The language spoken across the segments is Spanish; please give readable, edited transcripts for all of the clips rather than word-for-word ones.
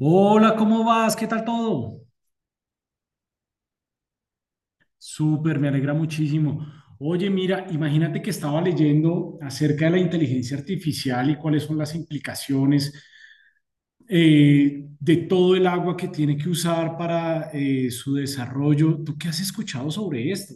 Hola, ¿cómo vas? ¿Qué tal todo? Súper, me alegra muchísimo. Oye, mira, imagínate que estaba leyendo acerca de la inteligencia artificial y cuáles son las implicaciones de todo el agua que tiene que usar para su desarrollo. ¿Tú qué has escuchado sobre esto?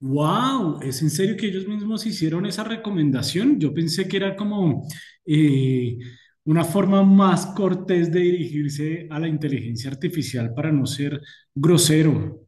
Wow, ¿es en serio que ellos mismos hicieron esa recomendación? Yo pensé que era como eh, una forma más cortés de dirigirse a la inteligencia artificial para no ser grosero.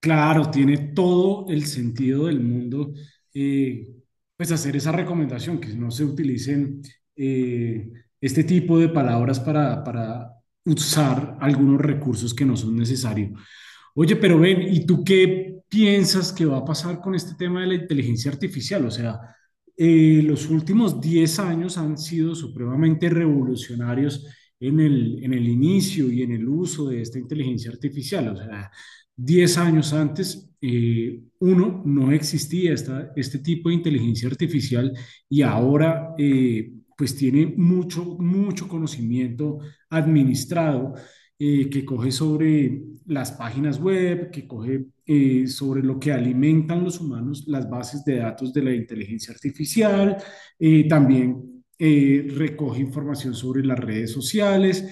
Claro, tiene todo el sentido del mundo eh, pues hacer esa recomendación, que no se utilicen eh, este tipo de palabras para usar algunos recursos que no son necesarios. Oye, pero ven, ¿y tú qué piensas que va a pasar con este tema de la inteligencia artificial? O sea, los últimos 10 años han sido supremamente revolucionarios en el inicio y en el uso de esta inteligencia artificial. O sea, 10 años antes, uno, no existía este tipo de inteligencia artificial y ahora, pues tiene mucho, mucho conocimiento administrado que coge sobre las páginas web, que coge sobre lo que alimentan los humanos, las bases de datos de la inteligencia artificial, también recoge información sobre las redes sociales.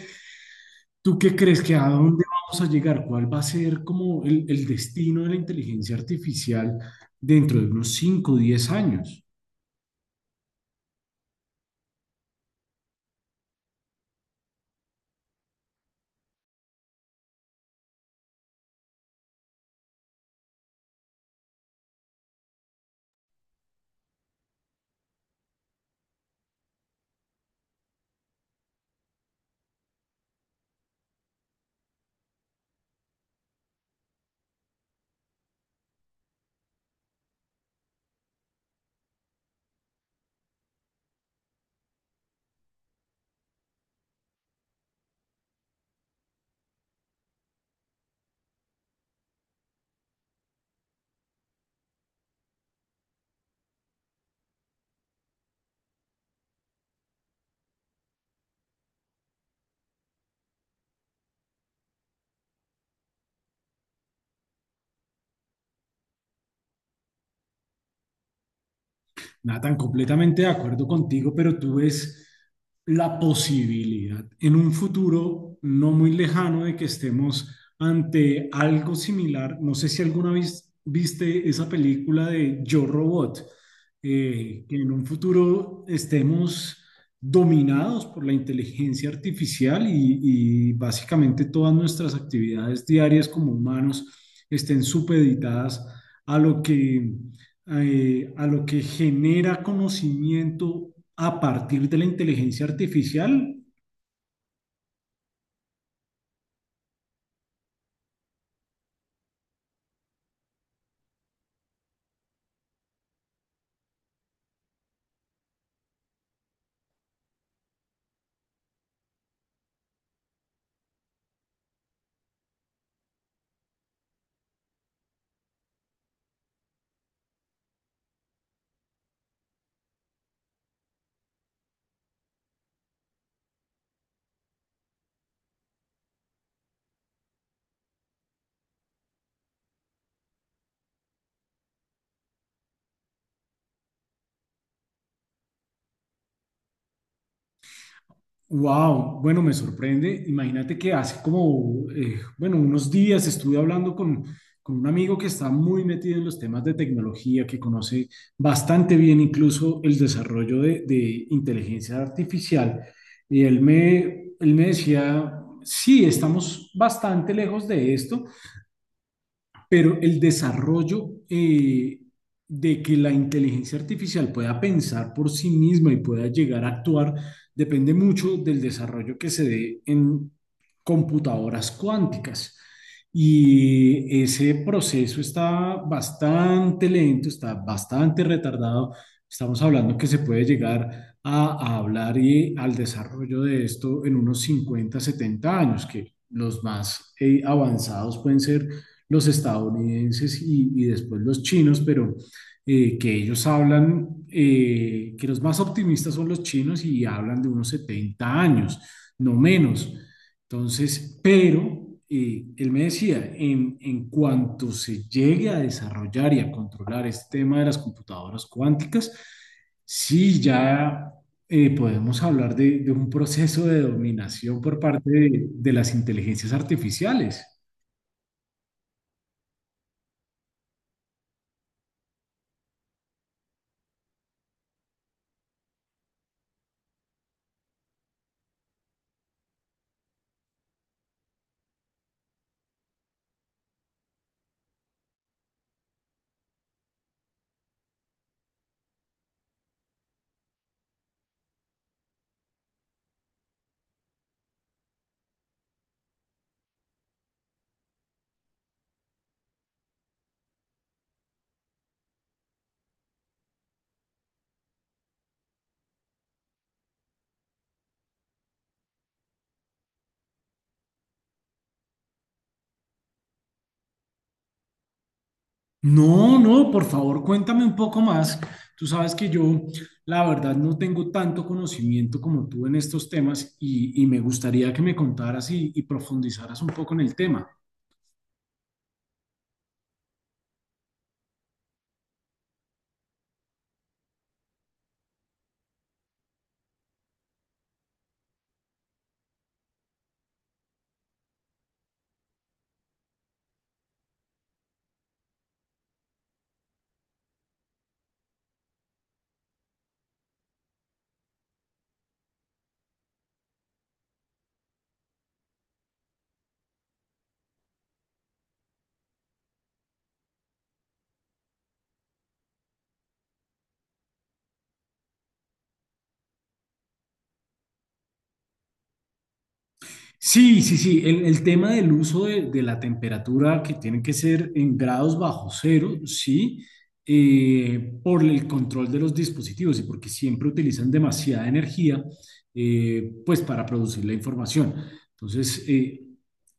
¿Tú qué crees que a dónde vamos a llegar? ¿Cuál va a ser como el destino de la inteligencia artificial dentro de unos 5 o 10 años? Nathan, completamente de acuerdo contigo, pero tú ves la posibilidad en un futuro no muy lejano de que estemos ante algo similar. No sé si alguna vez viste esa película de Yo Robot, que en un futuro estemos dominados por la inteligencia artificial y básicamente todas nuestras actividades diarias como humanos estén supeditadas a lo que a lo que genera conocimiento a partir de la inteligencia artificial, wow, bueno, me sorprende. Imagínate que hace como, bueno, unos días estuve hablando con un amigo que está muy metido en los temas de tecnología, que conoce bastante bien incluso el desarrollo de inteligencia artificial. Y él me decía, sí, estamos bastante lejos de esto. Pero el desarrollo de que la inteligencia artificial pueda pensar por sí misma y pueda llegar a actuar depende mucho del desarrollo que se dé en computadoras cuánticas. Y ese proceso está bastante lento, está bastante retardado. Estamos hablando que se puede llegar a hablar y al desarrollo de esto en unos 50 70 años, que los más avanzados pueden ser los estadounidenses y después los chinos, pero que ellos hablan, que los más optimistas son los chinos y hablan de unos 70 años, no menos. Entonces, pero él me decía, en cuanto se llegue a desarrollar y a controlar este tema de las computadoras cuánticas, sí ya podemos hablar de un proceso de dominación por parte de las inteligencias artificiales. No, no, por favor, cuéntame un poco más. Tú sabes que yo, la verdad, no tengo tanto conocimiento como tú en estos temas y me gustaría que me contaras y profundizaras un poco en el tema. Sí, sí, sí. El tema del uso de la temperatura que tiene que ser en grados bajo cero, sí, por el control de los dispositivos y porque siempre utilizan demasiada energía, pues para producir la información. Entonces,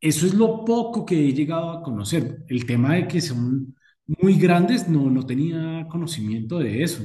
eso es lo poco que he llegado a conocer. El tema de que son muy grandes, no, no tenía conocimiento de eso.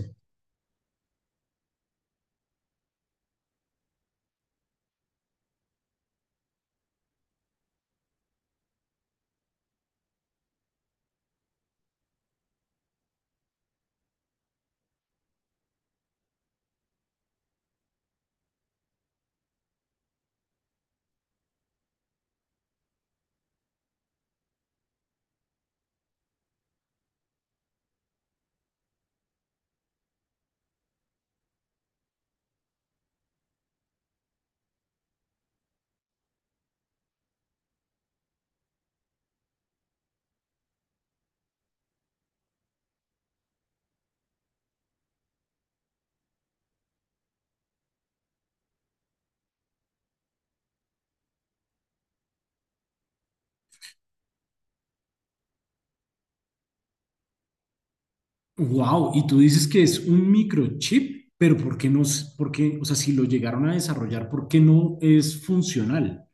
Wow, y tú dices que es un microchip, pero ¿por qué no? ¿Por qué? O sea, si lo llegaron a desarrollar, ¿por qué no es funcional?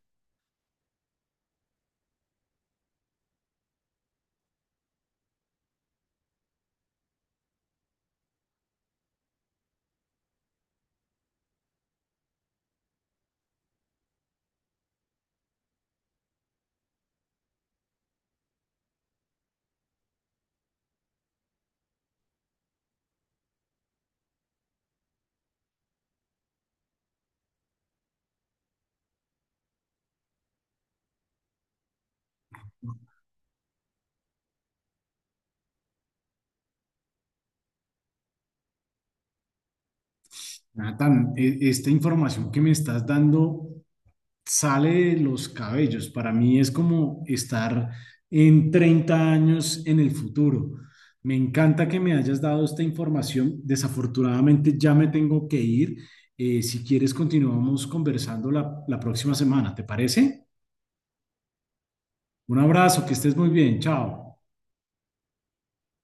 Nathan, esta información que me estás dando sale de los cabellos. Para mí es como estar en 30 años en el futuro. Me encanta que me hayas dado esta información. Desafortunadamente ya me tengo que ir. Si quieres, continuamos conversando la próxima semana, ¿te parece? Un abrazo, que estés muy bien. Chao.